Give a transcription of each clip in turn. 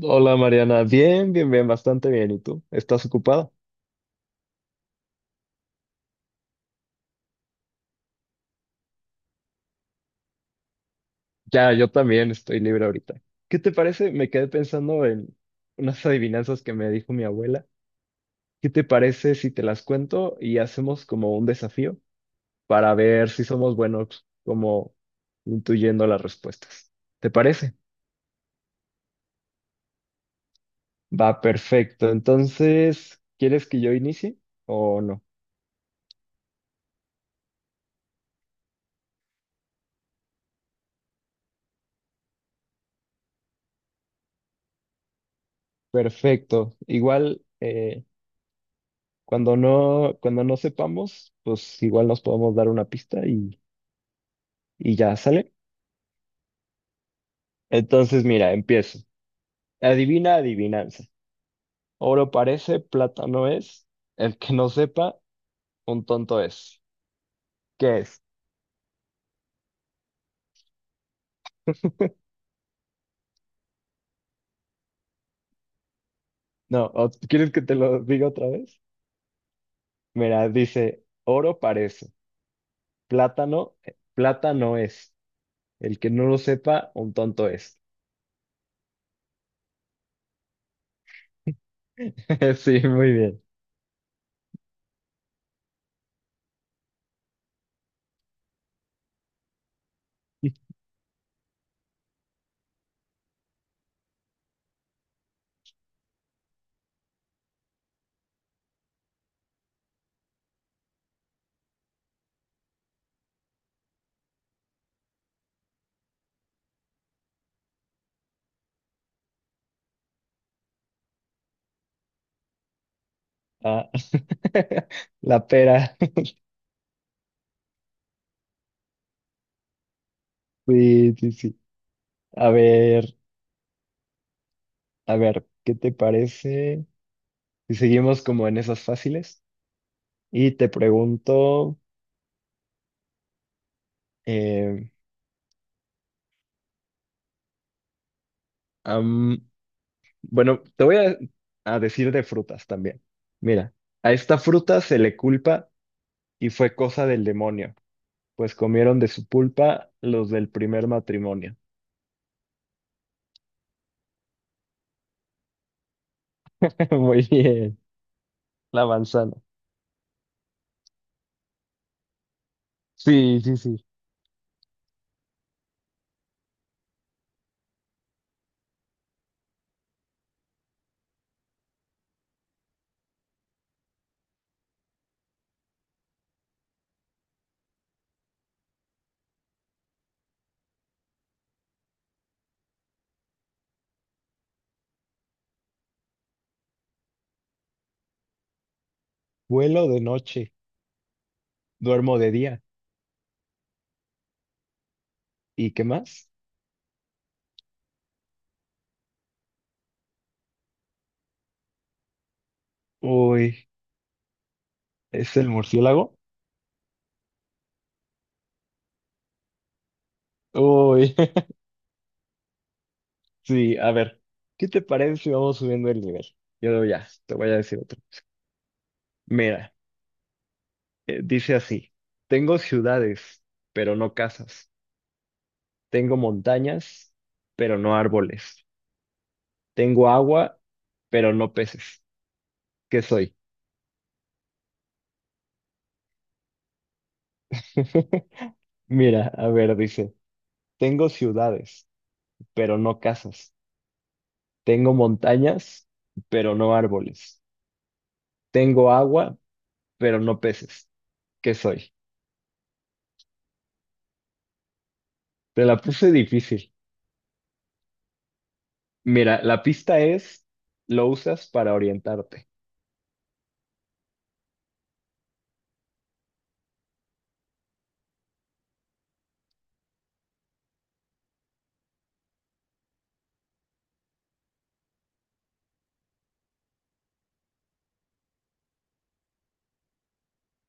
Hola Mariana, bien, bien, bien, bastante bien. ¿Y tú? ¿Estás ocupada? Ya, yo también estoy libre ahorita. ¿Qué te parece? Me quedé pensando en unas adivinanzas que me dijo mi abuela. ¿Qué te parece si te las cuento y hacemos como un desafío para ver si somos buenos como intuyendo las respuestas? ¿Te parece? Va, perfecto. Entonces, ¿quieres que yo inicie o no? Perfecto. Igual, cuando no sepamos, pues igual nos podemos dar una pista y ya sale. Entonces, mira, empiezo. Adivina, adivinanza. Oro parece, plata no es. El que no sepa, un tonto es. ¿Qué es? No, ¿quieres que te lo diga otra vez? Mira, dice, oro parece, plátano, plata no es. El que no lo sepa, un tonto es. Sí, muy bien. Ah, la pera. Sí, sí, sí. A ver. A ver, ¿qué te parece si seguimos como en esas fáciles? Y te pregunto, eh, am, bueno, te voy a decir de frutas también. Mira, a esta fruta se le culpa y fue cosa del demonio, pues comieron de su pulpa los del primer matrimonio. Muy bien, la manzana. Sí, sí, sí. Vuelo de noche, duermo de día. ¿Y qué más? Uy, ¿es el murciélago? Uy. Sí, a ver, ¿qué te parece si vamos subiendo el nivel? Yo ya, te voy a decir otro. Mira, dice así, tengo ciudades, pero no casas. Tengo montañas, pero no árboles. Tengo agua, pero no peces. ¿Qué soy? Mira, a ver, dice, tengo ciudades, pero no casas. Tengo montañas, pero no árboles. Tengo agua, pero no peces. ¿Qué soy? Te la puse difícil. Mira, la pista es, lo usas para orientarte.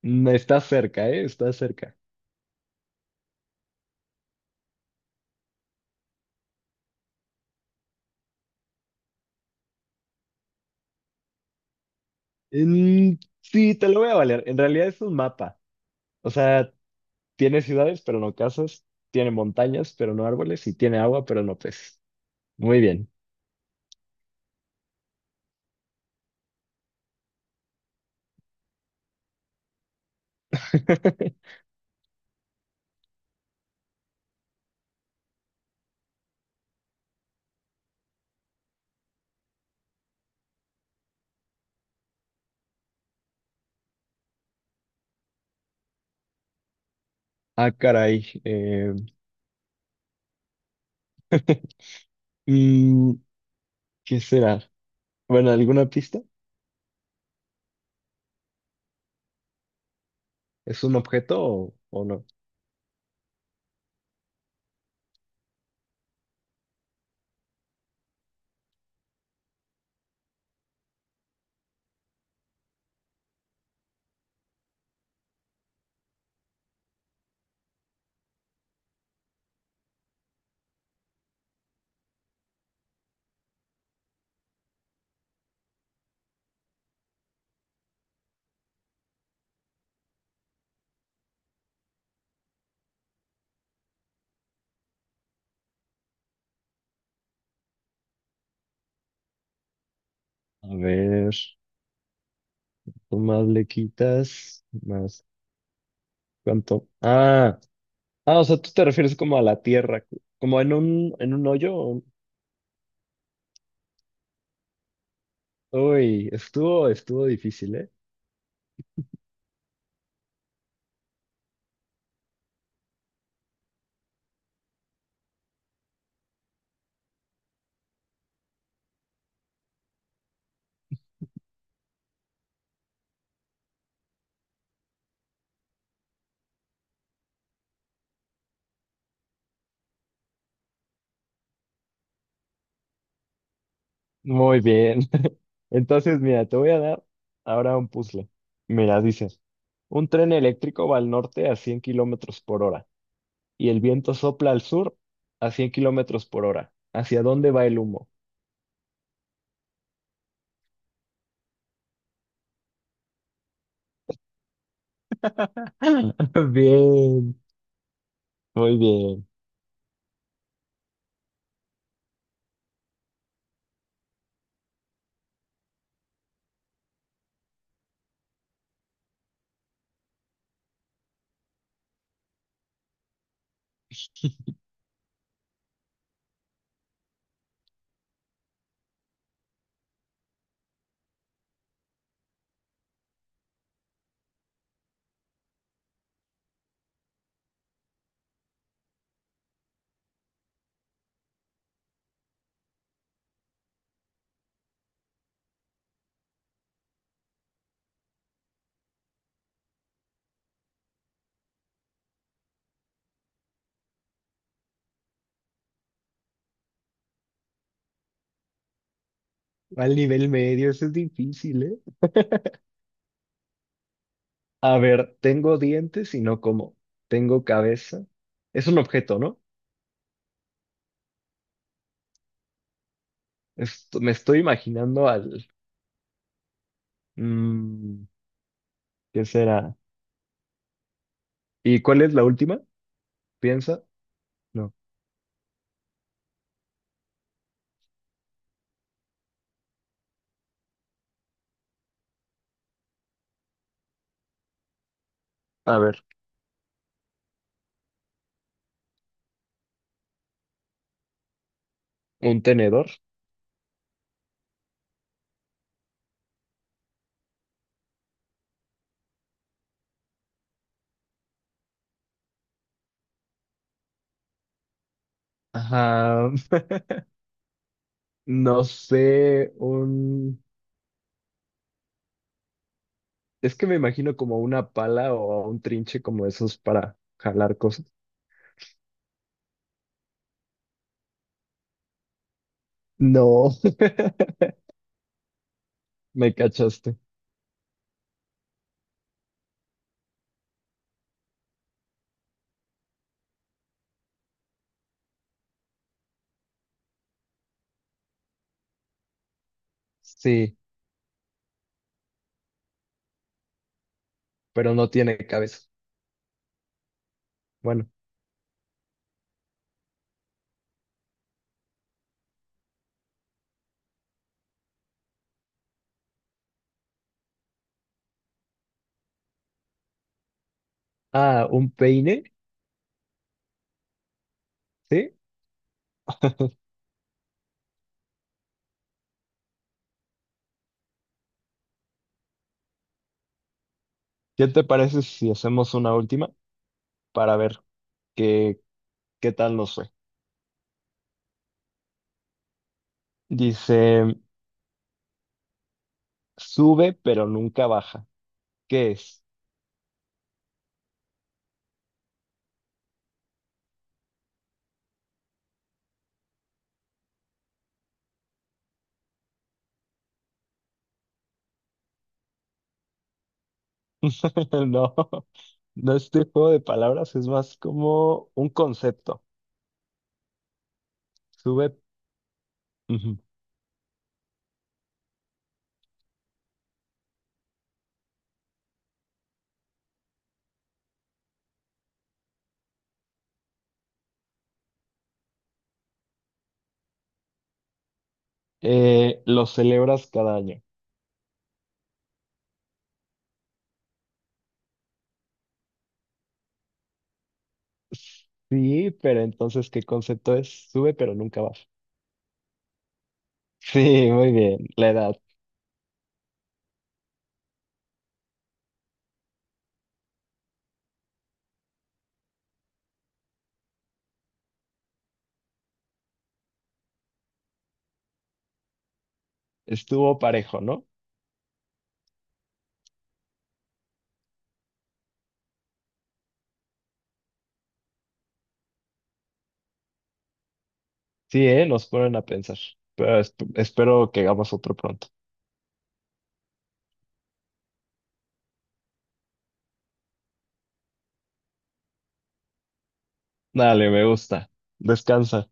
Estás cerca, ¿eh? Estás cerca. Mm, sí, te lo voy a valer. En realidad es un mapa. O sea, tiene ciudades, pero no casas. Tiene montañas, pero no árboles. Y tiene agua, pero no peces. Muy bien. Ah, caray. Mm, ¿qué será? Bueno, ¿alguna pista? ¿Es un objeto o no? A ver, tú más le quitas, más cuánto. Ah. Ah, o sea, tú te refieres como a la tierra, como en un hoyo. Uy, estuvo, estuvo difícil, ¿eh? Muy bien. Entonces, mira, te voy a dar ahora un puzzle. Mira, dice, un tren eléctrico va al norte a 100 kilómetros por hora y el viento sopla al sur a 100 kilómetros por hora. ¿Hacia dónde va el humo? Bien, muy bien. Al nivel medio, eso es difícil, ¿eh? A ver, tengo dientes y no como. Tengo cabeza. Es un objeto, ¿no? Esto, me estoy imaginando al... mm, ¿qué será? ¿Y cuál es la última? ¿Piensa? No. A ver, un tenedor. Ajá, no sé, un... Es que me imagino como una pala o un trinche como esos para jalar cosas. No, me cachaste. Sí, pero no tiene cabeza. Bueno, ah, un peine, ¿sí? ¿Qué te parece si hacemos una última para ver qué, qué tal nos fue? Dice... Sube, pero nunca baja. ¿Qué es? No, no es de juego de palabras, es más como un concepto. Sube, ujú. Lo celebras cada año. Sí, pero entonces, ¿qué concepto es? Sube, pero nunca baja. Sí, muy bien, la edad. Estuvo parejo, ¿no? Sí, ¿eh? Nos ponen a pensar. Pero espero que hagamos otro pronto. Dale, me gusta. Descansa.